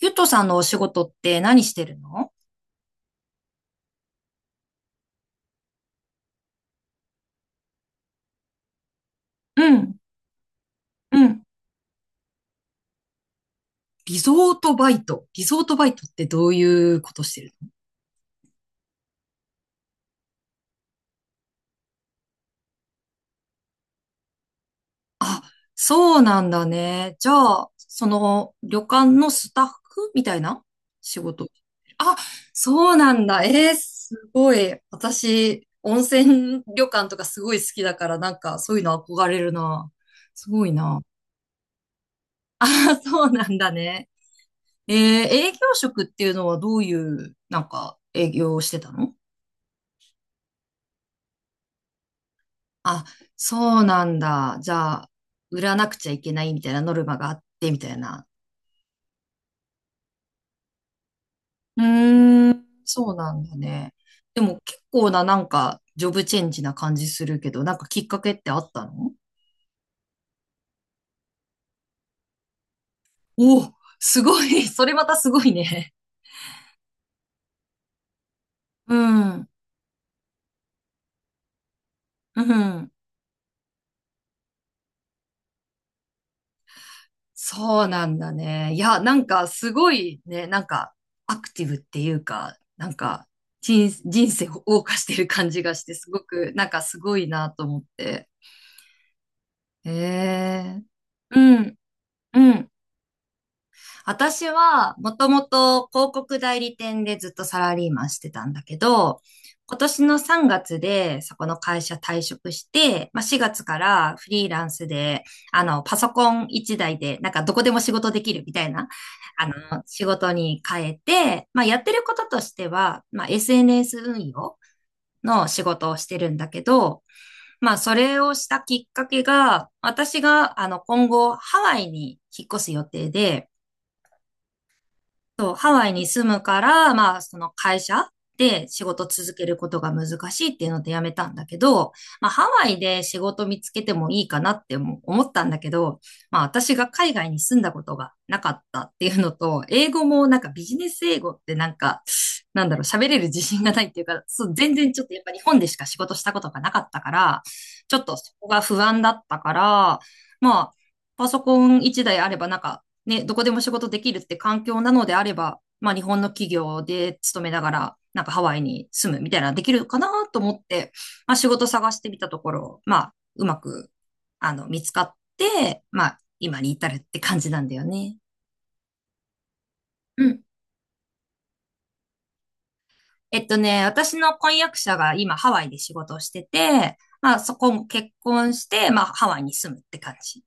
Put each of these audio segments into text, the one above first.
ゆとさんのお仕事って何してるの？うん、うん。リゾートバイト。リゾートバイトってどういうことしてるの？あ、そうなんだね。じゃあ、その旅館のスタッフみたいな仕事。あ、そうなんだ。えー、すごい。私、温泉旅館とかすごい好きだから、そういうの憧れるな。すごいな。あ、そうなんだね。えー、営業職っていうのはどういう、営業をしてたの？あ、そうなんだ。じゃあ、売らなくちゃいけないみたいなノルマがあって、みたいな。うーん、そうなんだね。でも結構な、ジョブチェンジな感じするけど、なんかきっかけってあったの？おお、すごい。それまたすごいね。うん、うん。そうなんだね。いや、なんかすごいね、アクティブっていうか、なんか人生を謳歌してる感じがして、すごく、なんかすごいなと思って。ええ。うん、うん。私は、もともと広告代理店でずっとサラリーマンしてたんだけど、今年の3月でそこの会社退職して、まあ、4月からフリーランスで、パソコン一台で、なんかどこでも仕事できるみたいな、あ仕事に変えて、まあ、やってることとしては、まあ、SNS 運用の仕事をしてるんだけど、まあ、それをしたきっかけが、私が、今後、ハワイに引っ越す予定で、そう、ハワイに住むから、まあ、その会社で仕事続けることが難しいっていうので辞めたんだけど、まあ、ハワイで仕事見つけてもいいかなっても思ったんだけど、まあ、私が海外に住んだことがなかったっていうのと、英語もなんかビジネス英語ってなんか、なんだろう、喋れる自信がないっていうか、そう、全然ちょっとやっぱ日本でしか仕事したことがなかったから、ちょっとそこが不安だったから、まあ、パソコン一台あればなんかね、どこでも仕事できるって環境なのであれば、まあ日本の企業で勤めながら、なんかハワイに住むみたいなのできるかなと思って、まあ仕事探してみたところ、まあうまく、見つかって、まあ今に至るって感じなんだよね。うん。えっとね、私の婚約者が今ハワイで仕事をしてて、まあそこも結婚して、まあハワイに住むって感じ。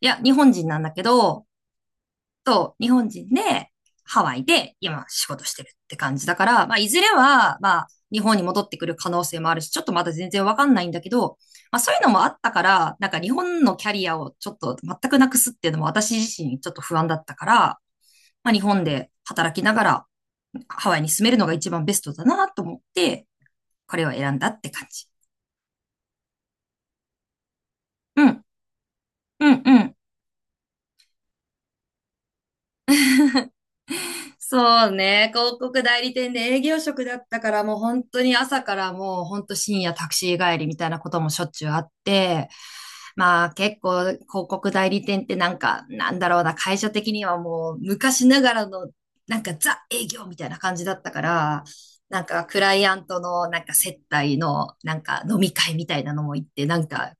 いや、日本人なんだけど、そう、日本人で、ハワイで今仕事してるって感じだから、まあ、いずれは、まあ、日本に戻ってくる可能性もあるし、ちょっとまだ全然わかんないんだけど、まあ、そういうのもあったから、なんか日本のキャリアをちょっと全くなくすっていうのも私自身ちょっと不安だったから、まあ、日本で働きながらハワイに住めるのが一番ベストだなと思って、これを選んだって感じ。うん、うん、うん。そうね、広告代理店で営業職だったからもう本当に朝からもう本当深夜タクシー帰りみたいなこともしょっちゅうあって、まあ結構広告代理店ってなんかなんだろうな、会社的にはもう昔ながらのなんかザ営業みたいな感じだったから、なんかクライアントのなんか接待のなんか飲み会みたいなのも行って、なんか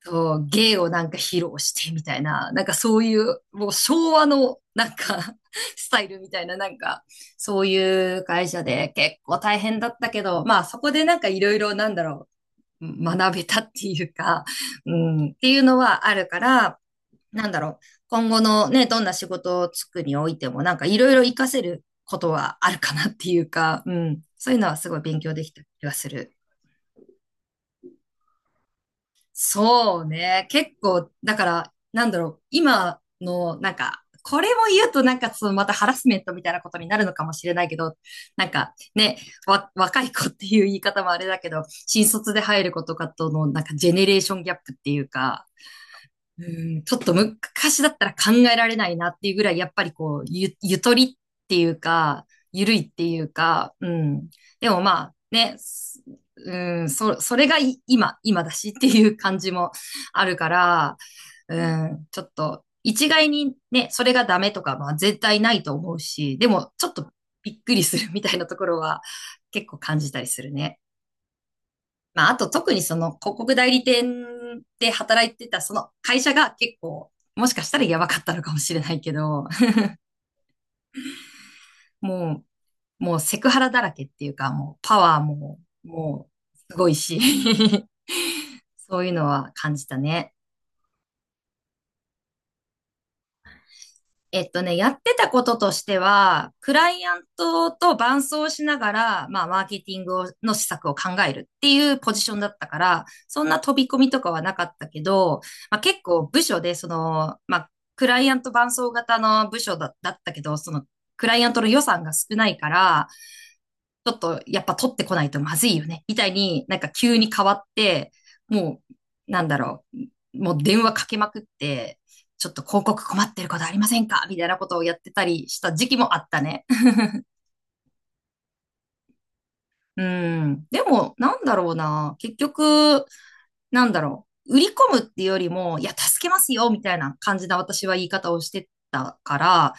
そう、芸をなんか披露してみたいな、なんかそういう、もう昭和のなんか スタイルみたいな、なんかそういう会社で結構大変だったけど、まあそこでなんかいろいろなんだろう、学べたっていうか、うん、っていうのはあるから、なんだろう、今後のね、どんな仕事をつくにおいてもなんかいろいろ活かせることはあるかなっていうか、うん、そういうのはすごい勉強できた気がする。そうね。結構、だから、なんだろう。今の、なんか、これも言うとなんかそのまたハラスメントみたいなことになるのかもしれないけど、なんかね、若い子っていう言い方もあれだけど、新卒で入る子とかとのなんかジェネレーションギャップっていうか、うん、ちょっと昔だったら考えられないなっていうぐらい、やっぱりこう、ゆとりっていうか、ゆるいっていうか、うん。でもまあ、ね、すうん、それがい今、今だしっていう感じもあるから、うん、ちょっと、一概にね、それがダメとか、まあ絶対ないと思うし、でも、ちょっとびっくりするみたいなところは結構感じたりするね。まあ、あと特にその広告代理店で働いてたその会社が結構、もしかしたらやばかったのかもしれないけど、ももうセクハラだらけっていうか、もうパワーも、もうすごいし、そういうのは感じたね。えっとね、やってたこととしては、クライアントと伴走しながら、まあ、マーケティングをの施策を考えるっていうポジションだったから、そんな飛び込みとかはなかったけど、まあ、結構部署で、その、まあ、クライアント伴走型の部署だ、だったけど、その、クライアントの予算が少ないから、ちょっとやっぱ取ってこないとまずいよね、みたいになんか急に変わって、もう、なんだろう、もう電話かけまくって、ちょっと広告困ってることありませんかみたいなことをやってたりした時期もあったね。うん。でも、なんだろうな。結局、なんだろう。売り込むっていうよりも、いや、助けますよみたいな感じな私は言い方をしてたから、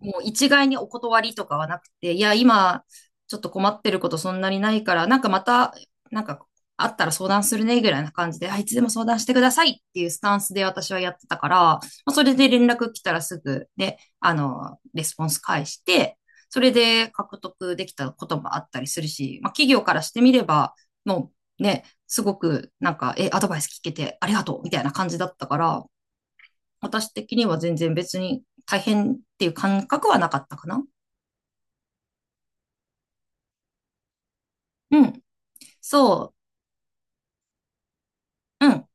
もう一概にお断りとかはなくて、いや、今、ちょっと困ってることそんなにないから、なんかまた、なんかあったら相談するね、ぐらいな感じで、あいつでも相談してくださいっていうスタンスで私はやってたから、まあ、それで連絡来たらすぐね、レスポンス返して、それで獲得できたこともあったりするし、まあ、企業からしてみれば、もうね、すごくなんか、え、アドバイス聞けてありがとうみたいな感じだったから、私的には全然別に大変っていう感覚はなかったかな。うん。そう。うん。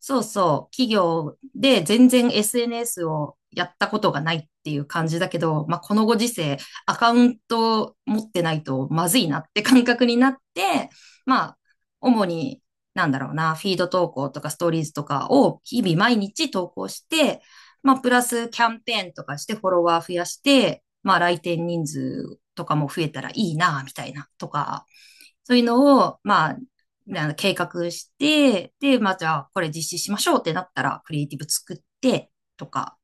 そうそう、企業で全然 SNS をやったことがないっていう感じだけど、まあ、このご時世、アカウント持ってないとまずいなって感覚になって、まあ、主に、なんだろうな、フィード投稿とかストーリーズとかを日々毎日投稿して、まあ、プラスキャンペーンとかしてフォロワー増やして、まあ、来店人数とかも増えたらいいな、みたいな、とか、そういうのを、まあ、あの計画して、で、まあ、じゃあ、これ実施しましょうってなったら、クリエイティブ作って、とか、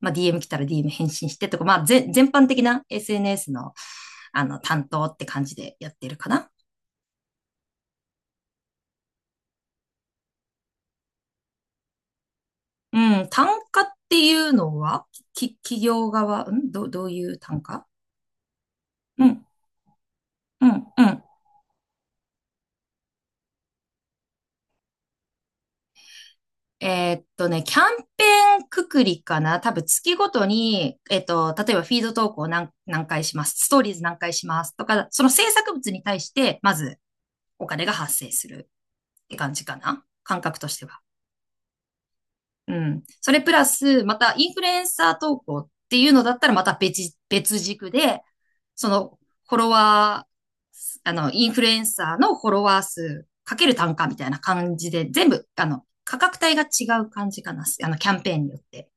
まあ、DM 来たら DM 返信してとか、まあ、全般的な SNS の、あの、担当って感じでやってるかな。うん、単価っていうのは、企業側、うん、どういう単価。うん、うん、うん。キャンペーンくくりかな多分月ごとに、例えばフィード投稿何回します、ストーリーズ何回しますとか、その制作物に対して、まずお金が発生するって感じかな、感覚としては。うん。それプラス、またインフルエンサー投稿っていうのだったら、また別軸で、そのフォロワー、インフルエンサーのフォロワー数かける単価みたいな感じで、全部、価格帯が違う感じかな、キャンペーンによって。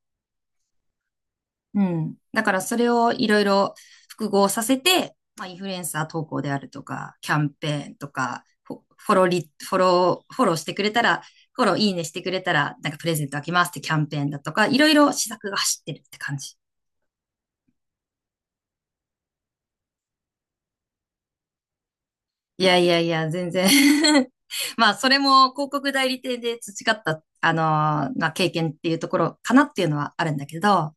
うん。だからそれをいろいろ複合させて、まあ、インフルエンサー投稿であるとか、キャンペーンとか、フォフォローリ、フォロー、フォローしてくれたら、フォローいいねしてくれたら、なんかプレゼントあげますってキャンペーンだとか、いろいろ施策が走ってるって感じ。いやいやいや、全然。 まあ、それも広告代理店で培った、まあ、経験っていうところかなっていうのはあるんだけど、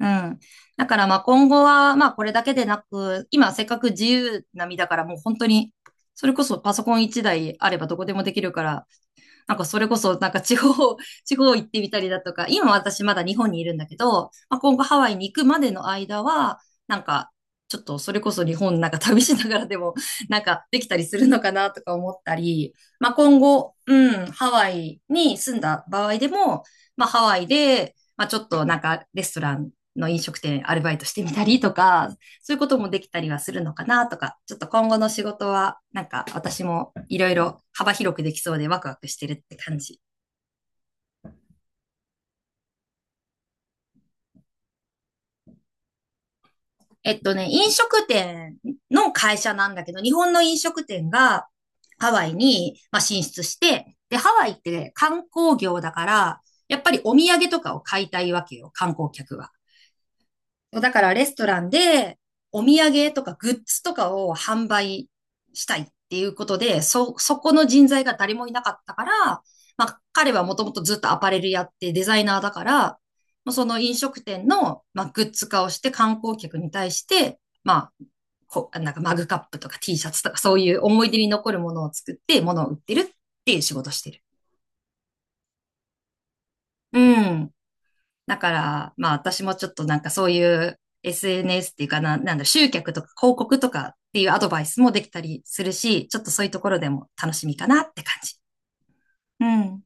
うん。だからまあ今後はまあこれだけでなく、今せっかく自由な身だからもう本当に、それこそパソコン一台あればどこでもできるから、なんかそれこそ、なんか地方、地方行ってみたりだとか、今私まだ日本にいるんだけど、まあ、今後ハワイに行くまでの間は、なんか、ちょっとそれこそ日本なんか旅しながらでも、なんかできたりするのかなとか思ったり、まあ今後、うん、ハワイに住んだ場合でも、まあハワイで、まあちょっとなんかレストランの飲食店アルバイトしてみたりとか、そういうこともできたりはするのかなとか、ちょっと今後の仕事は、なんか私もいろいろ幅広くできそうでワクワクしてるって感じ。飲食店の会社なんだけど、日本の飲食店がハワイに、まあ、進出して、で、ハワイって観光業だから、やっぱりお土産とかを買いたいわけよ、観光客は。そうだからレストランでお土産とかグッズとかを販売したいっていうことで、そこの人材が誰もいなかったから、まあ彼はもともとずっとアパレルやってデザイナーだから、まあその飲食店の、まあ、グッズ化をして観光客に対して、まあ、なんかマグカップとか Tシャツとかそういう思い出に残るものを作って物を売ってるっていう仕事をしてる。うん。だから、まあ私もちょっとなんかそういう SNS っていうかな、なんだ、集客とか広告とかっていうアドバイスもできたりするし、ちょっとそういうところでも楽しみかなって感じ。うん。